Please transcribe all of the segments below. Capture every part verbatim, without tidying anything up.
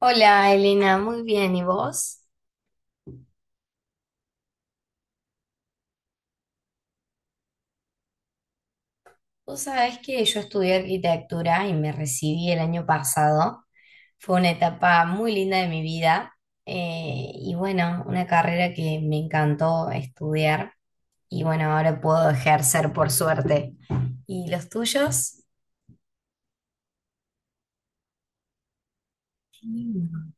Hola Elena, muy bien. ¿Y vos? Vos sabés que yo estudié arquitectura y me recibí el año pasado. Fue una etapa muy linda de mi vida eh, y bueno, una carrera que me encantó estudiar y bueno, ahora puedo ejercer por suerte. ¿Y los tuyos? Mm.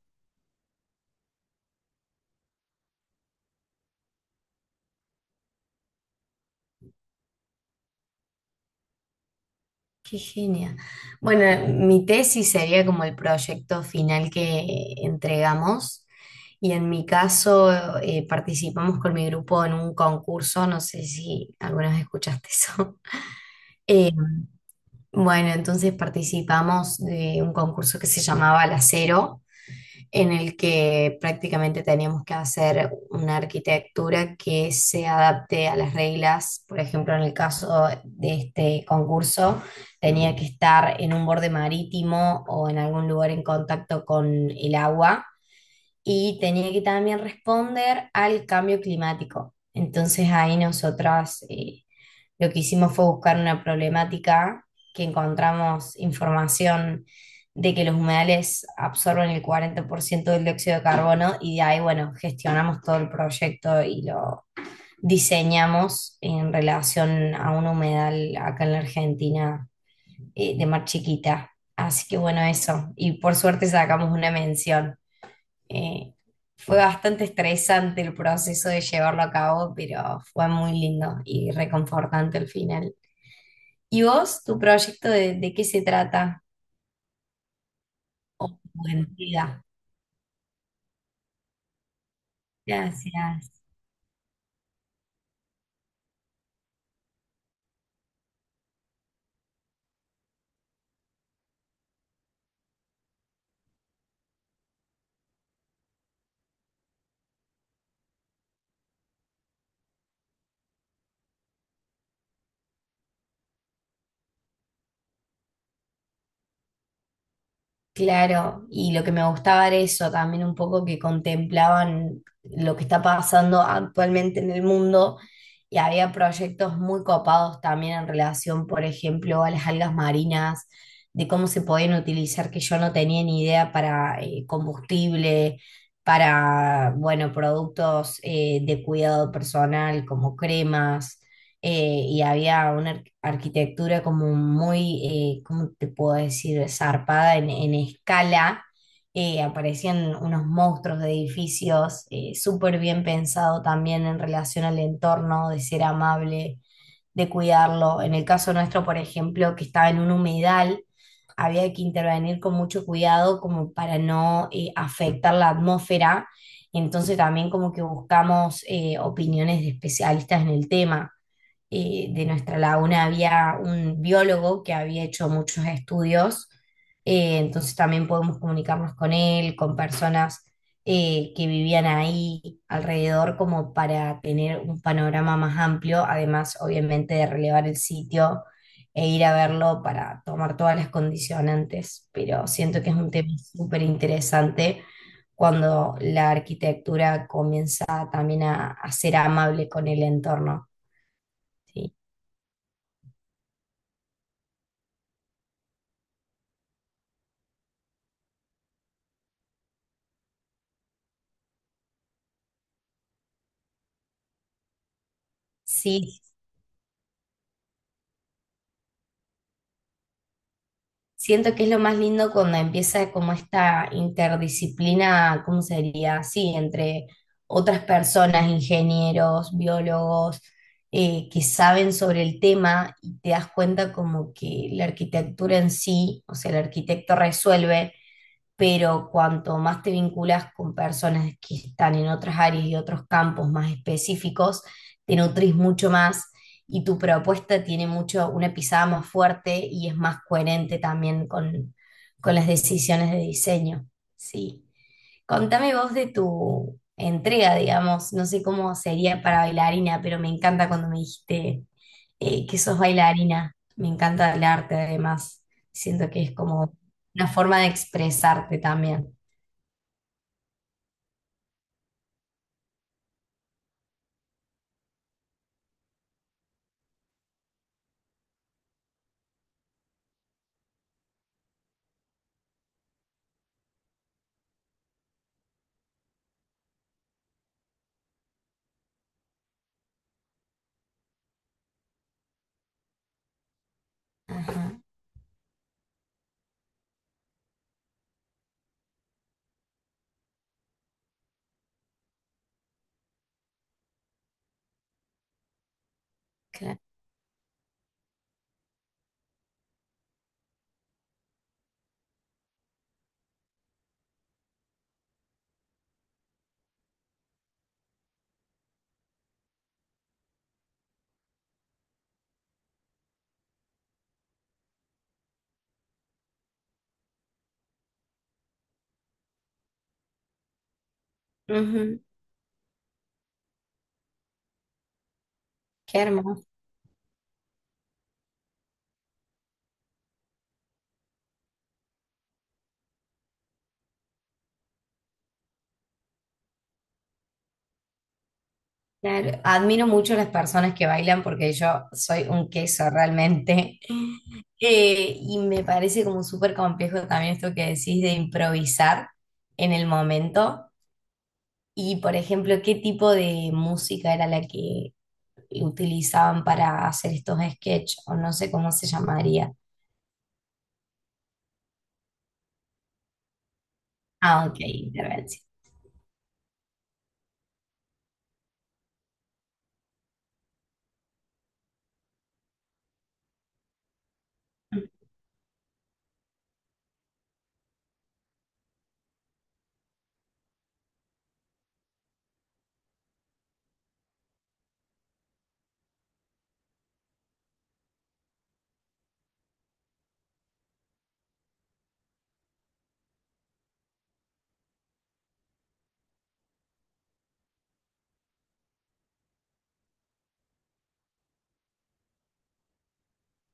Qué genia. Bueno, mi tesis sería como el proyecto final que entregamos, y en mi caso eh, participamos con mi grupo en un concurso. No sé si alguna vez escuchaste eso. Eh, bueno, entonces participamos de un concurso que se llamaba La Cero, en el que prácticamente teníamos que hacer una arquitectura que se adapte a las reglas. Por ejemplo, en el caso de este concurso, tenía que estar en un borde marítimo o en algún lugar en contacto con el agua, y tenía que también responder al cambio climático. Entonces ahí nosotras, eh, lo que hicimos fue buscar una problemática, que encontramos información de que los humedales absorben el cuarenta por ciento del dióxido de carbono. Y de ahí, bueno, gestionamos todo el proyecto y lo diseñamos en relación a un humedal acá en la Argentina, eh, de Mar Chiquita. Así que bueno, eso. Y por suerte sacamos una mención. Eh, Fue bastante estresante el proceso de llevarlo a cabo, pero fue muy lindo y reconfortante al final. ¿Y vos, tu proyecto de, de qué se trata? Oh, buen día. Gracias. Claro, y lo que me gustaba era eso, también un poco que contemplaban lo que está pasando actualmente en el mundo. Y había proyectos muy copados también en relación, por ejemplo, a las algas marinas, de cómo se podían utilizar, que yo no tenía ni idea, para eh, combustible, para, bueno, productos eh, de cuidado personal como cremas. Eh, y había una ar- arquitectura como muy, eh, ¿cómo te puedo decir?, zarpada en, en escala. Eh, aparecían unos monstruos de edificios, eh, súper bien pensado también en relación al entorno, de ser amable, de cuidarlo. En el caso nuestro, por ejemplo, que estaba en un humedal, había que intervenir con mucho cuidado como para no eh, afectar la atmósfera. Entonces también como que buscamos eh, opiniones de especialistas en el tema. Eh, de nuestra laguna había un biólogo que había hecho muchos estudios, eh, entonces también podemos comunicarnos con él, con personas eh, que vivían ahí alrededor, como para tener un panorama más amplio, además obviamente de relevar el sitio e ir a verlo para tomar todas las condicionantes. Pero siento que es un tema súper interesante cuando la arquitectura comienza también a, a ser amable con el entorno. ¿Sí? Sí, siento que es lo más lindo cuando empieza como esta interdisciplina. ¿Cómo sería? Sí, entre otras personas, ingenieros, biólogos, eh, que saben sobre el tema, y te das cuenta como que la arquitectura en sí, o sea, el arquitecto resuelve, pero cuanto más te vinculas con personas que están en otras áreas y otros campos más específicos, te nutrís mucho más y tu propuesta tiene mucho, una pisada más fuerte y es más coherente también con, con las decisiones de diseño. Sí. Contame vos de tu entrega, digamos. No sé cómo sería para bailarina, pero me encanta cuando me dijiste eh, que sos bailarina. Me encanta el arte además, siento que es como una forma de expresarte también. Ajá, claro. Ujú. Qué hermoso. Claro. Admiro mucho las personas que bailan porque yo soy un queso realmente. Eh, y me parece como súper complejo también esto que decís, de improvisar en el momento. Y, por ejemplo, ¿qué tipo de música era la que utilizaban para hacer estos sketches? O no sé cómo se llamaría. Ah, ok, intervención.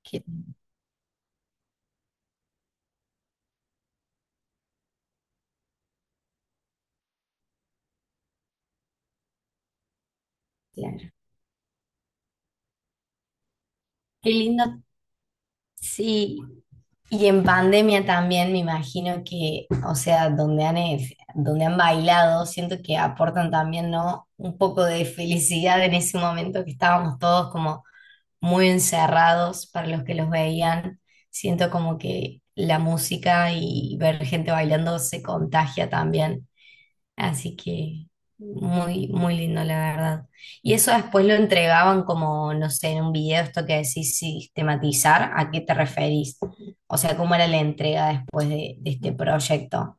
Qué, claro. Qué lindo. Sí, y en pandemia también me imagino que, o sea, donde han, eh, donde han bailado, siento que aportan también, ¿no? Un poco de felicidad en ese momento que estábamos todos como muy encerrados, para los que los veían. Siento como que la música y ver gente bailando se contagia también. Así que muy, muy lindo, la verdad. Y eso después lo entregaban como, no sé, en un video, esto que decís sistematizar, ¿a qué te referís? O sea, ¿cómo era la entrega después de, de este proyecto?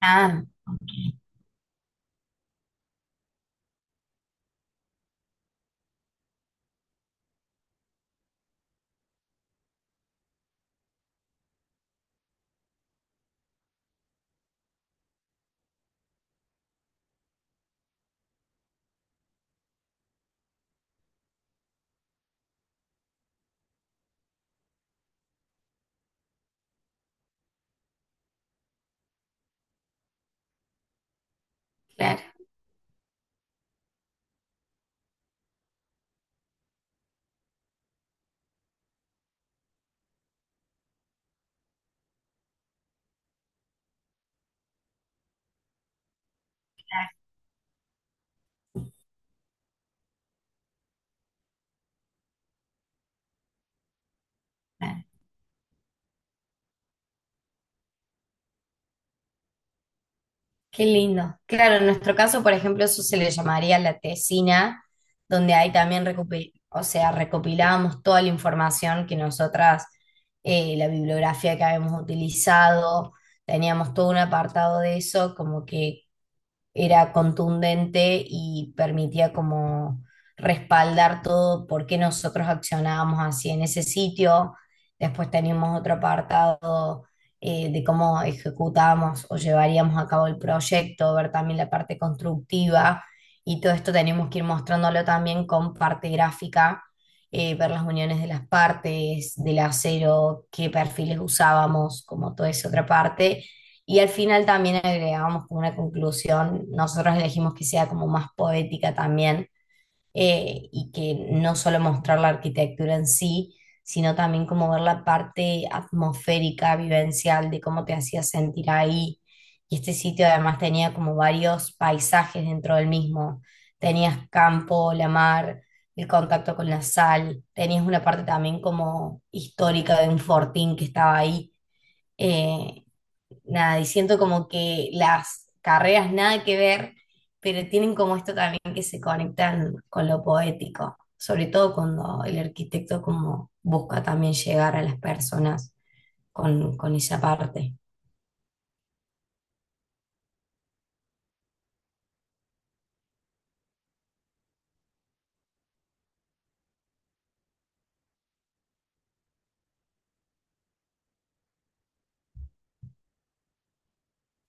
Ah, claro, claro. Qué lindo. Claro, en nuestro caso, por ejemplo, eso se le llamaría la tesina, donde ahí también recopi- o sea, recopilábamos toda la información que nosotras, eh, la bibliografía que habíamos utilizado. Teníamos todo un apartado de eso, como que era contundente y permitía como respaldar todo por qué nosotros accionábamos así en ese sitio. Después teníamos otro apartado, eh, de cómo ejecutábamos o llevaríamos a cabo el proyecto, ver también la parte constructiva, y todo esto teníamos que ir mostrándolo también con parte gráfica, eh, ver las uniones de las partes, del acero, qué perfiles usábamos, como toda esa otra parte. Y al final también agregamos como una conclusión, nosotros elegimos que sea como más poética también, eh, y que no solo mostrar la arquitectura en sí, sino también como ver la parte atmosférica, vivencial, de cómo te hacía sentir ahí. Y este sitio además tenía como varios paisajes dentro del mismo. Tenías campo, la mar, el contacto con la sal, tenías una parte también como histórica de un fortín que estaba ahí. Eh, Nada, y siento como que las carreras nada que ver, pero tienen como esto también que se conectan con lo poético, sobre todo cuando el arquitecto como busca también llegar a las personas con, con esa parte.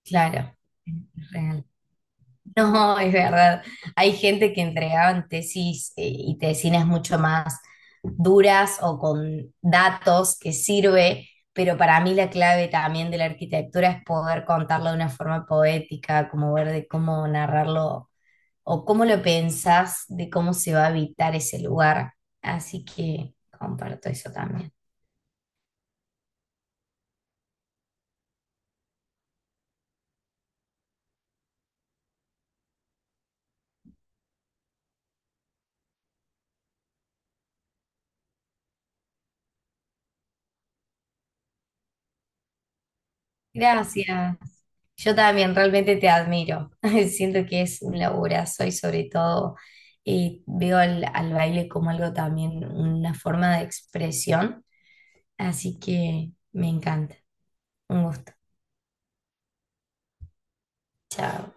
Claro, es real. No, es verdad. Hay gente que entregaban tesis eh, y tesinas mucho más duras o con datos que sirve, pero para mí la clave también de la arquitectura es poder contarlo de una forma poética, como ver de cómo narrarlo o cómo lo pensás, de cómo se va a habitar ese lugar. Así que comparto eso también. Gracias. Yo también realmente te admiro. Siento que es un laburazo, y sobre todo eh, veo al, al baile como algo también, una forma de expresión. Así que me encanta. Un gusto. Chao.